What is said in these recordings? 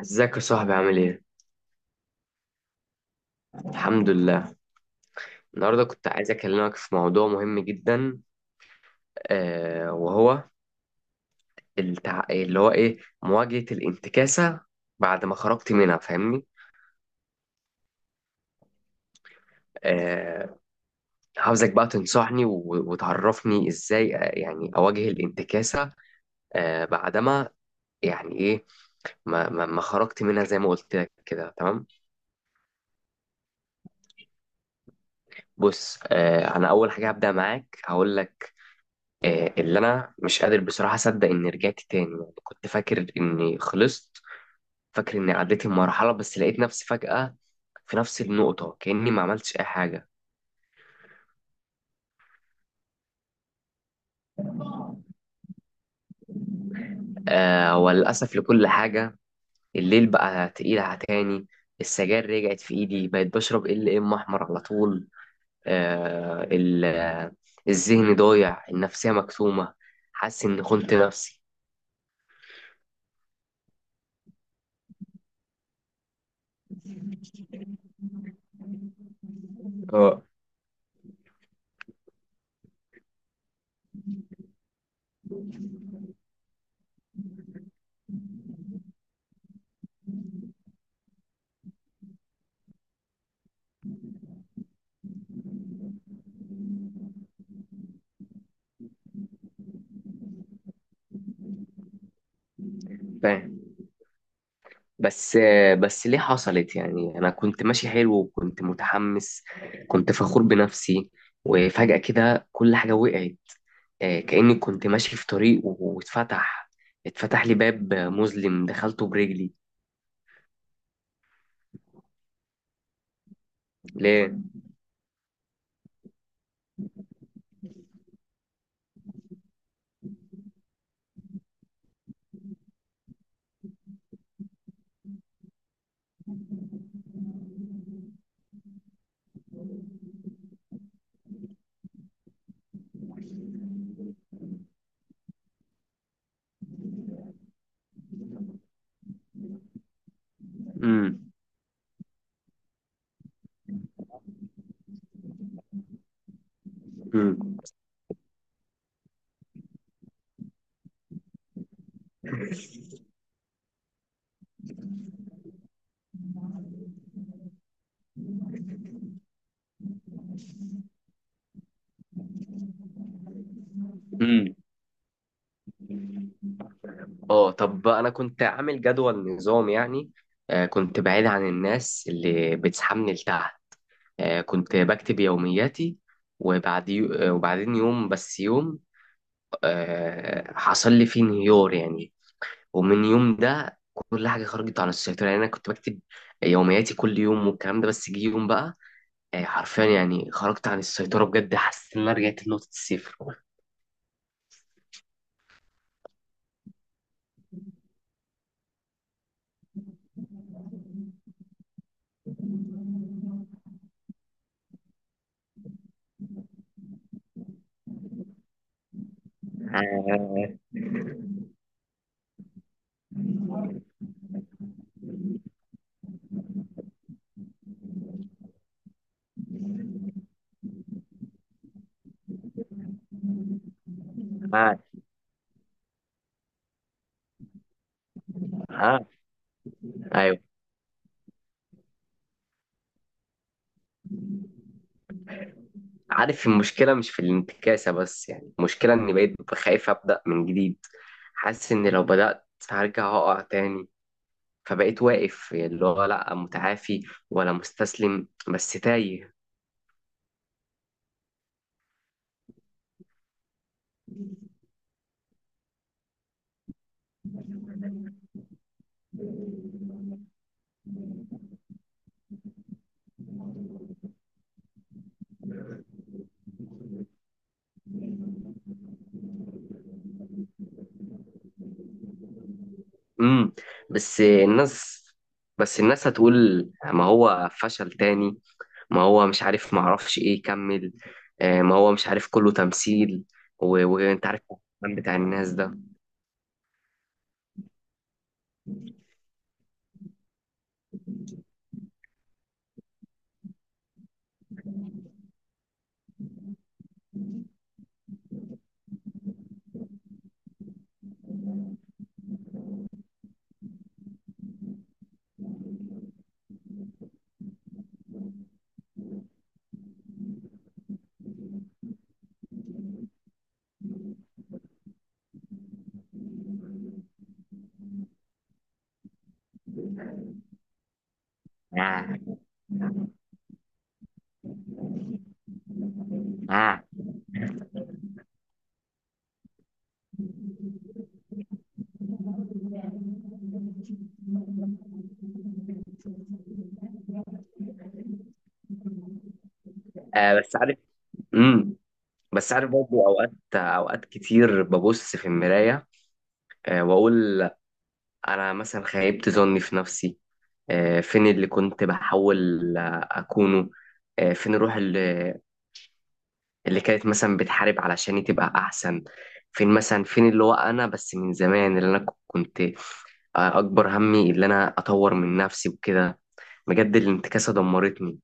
ازيك يا صاحبي عامل ايه؟ الحمد لله. النهارده كنت عايز اكلمك في موضوع مهم جدا. آه وهو اللي هو ايه، مواجهة الانتكاسة بعد ما خرجت منها، فاهمني؟ آه. عاوزك بقى تنصحني وتعرفني ازاي، يعني اواجه الانتكاسة. بعدما، يعني ايه، ما خرجت منها زي ما قلت لك كده، تمام؟ بص، انا اول حاجة هبدأ معاك هقول لك، اللي انا مش قادر بصراحة اصدق اني رجعت تاني. يعني كنت فاكر اني خلصت، فاكر إني عديت المرحلة، بس لقيت نفسي فجأة في نفس النقطة كأني ما عملتش أي حاجة. وللأسف لكل حاجة. الليل بقى تقيل على تاني، السجاير رجعت في إيدي، بقيت بشرب ال ام أحمر على طول. آه ال- آه، الذهن ضايع، النفسية مكتومة، حاسس إني خنت نفسي. اه. فاهم. بس ليه حصلت؟ يعني أنا كنت ماشي حلو وكنت متحمس، كنت فخور بنفسي، وفجأة كده كل حاجة وقعت. كأني كنت ماشي في طريق واتفتح، اتفتح لي باب مظلم دخلته برجلي. ليه؟ امم. امم. امم. اه، طب بقى انا كنت عامل جدول نظام يعني. كنت بعيد عن الناس اللي بتسحبني لتحت، كنت بكتب يومياتي، وبعد وبعدين يوم بس يوم حصل لي فيه انهيار يعني، ومن يوم ده كل حاجة خرجت عن السيطرة. يعني أنا كنت بكتب يومياتي كل يوم والكلام ده، بس جه يوم بقى حرفيا يعني خرجت عن السيطرة بجد، حسيت إن أنا رجعت لنقطة الصفر. آه. آه. آه. أيوه. عارف المشكلة مش في الانتكاسة بس، يعني المشكلة إني بقيت خايف أبدأ من جديد، حاسس إن لو بدأت هرجع أقع تاني، فبقيت واقف، اللي هو لأ متعافي ولا مستسلم، بس تايه. امم. بس الناس بس الناس هتقول ما هو فشل تاني، ما هو مش عارف، ما اعرفش ايه يكمل. ما هو مش عارف كله تمثيل. وانت عارف الكلام بتاع الناس ده. آه. آه. بس عارف. امم. بس عارف برضه اوقات، كتير ببص في المراية واقول انا مثلا خيبت ظني في نفسي. فين اللي كنت بحاول اكونه؟ فين الروح اللي كانت مثلا بتحارب علشان تبقى احسن؟ فين مثلا، فين اللي هو انا بس من زمان؟ اللي انا كنت اكبر همي اللي انا اطور من نفسي وكده. بجد الانتكاسه دمرتني.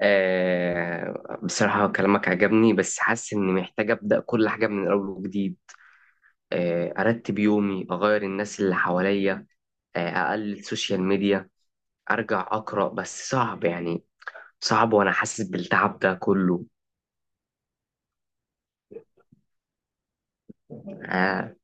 بصراحه كلامك عجبني، بس حاسس اني محتاج ابدا كل حاجه من الاول وجديد. ارتب يومي، اغير الناس اللي حواليا، اقلل السوشيال ميديا، ارجع اقرا، بس صعب يعني. صعب وانا حاسس بالتعب ده كله. أه.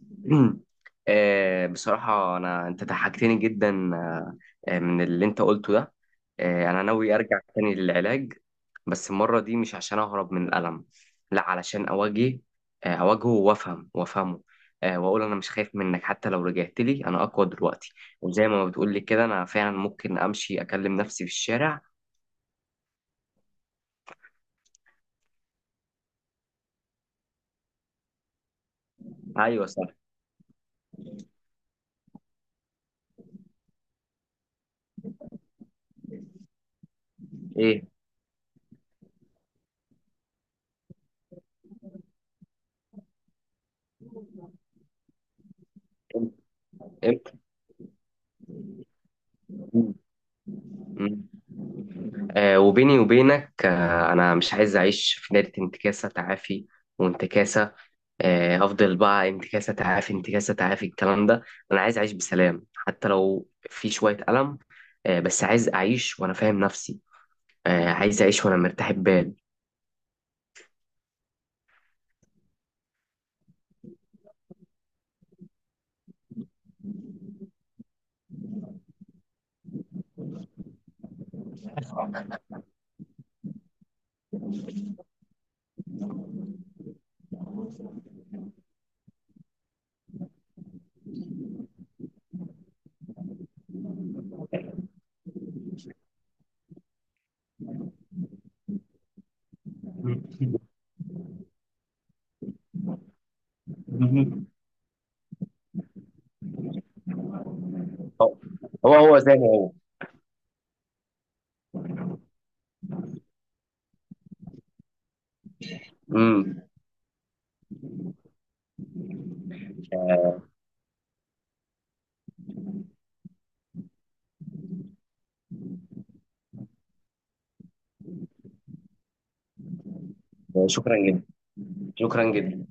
بصراحة أنا أنت ضحكتني جدا، آه، من اللي أنت قلته ده. أنا ناوي أرجع تاني للعلاج، بس المرة دي مش عشان أهرب من الألم، لا، علشان أواجه. أواجهه وأفهم وأفهمه، وأقول أنا مش خايف منك، حتى لو رجعت لي أنا أقوى دلوقتي. وزي ما بتقول لي كده أنا فعلا ممكن أمشي أكلم نفسي في الشارع. أيوة، صح. إيه. إمتى. مم. وبيني وبينك أنا مش عايز أعيش في دايرة انتكاسة تعافي وانتكاسة. أفضل بقى انتكاسة تعافي انتكاسة تعافي الكلام ده. أنا عايز أعيش بسلام حتى لو في شوية ألم، بس عايز أعيش وأنا فاهم نفسي، عايز أعيش وأنا مرتاح البال. مم. هو هو زي ما هو. مم. شكرا جدا. شكرا جدا.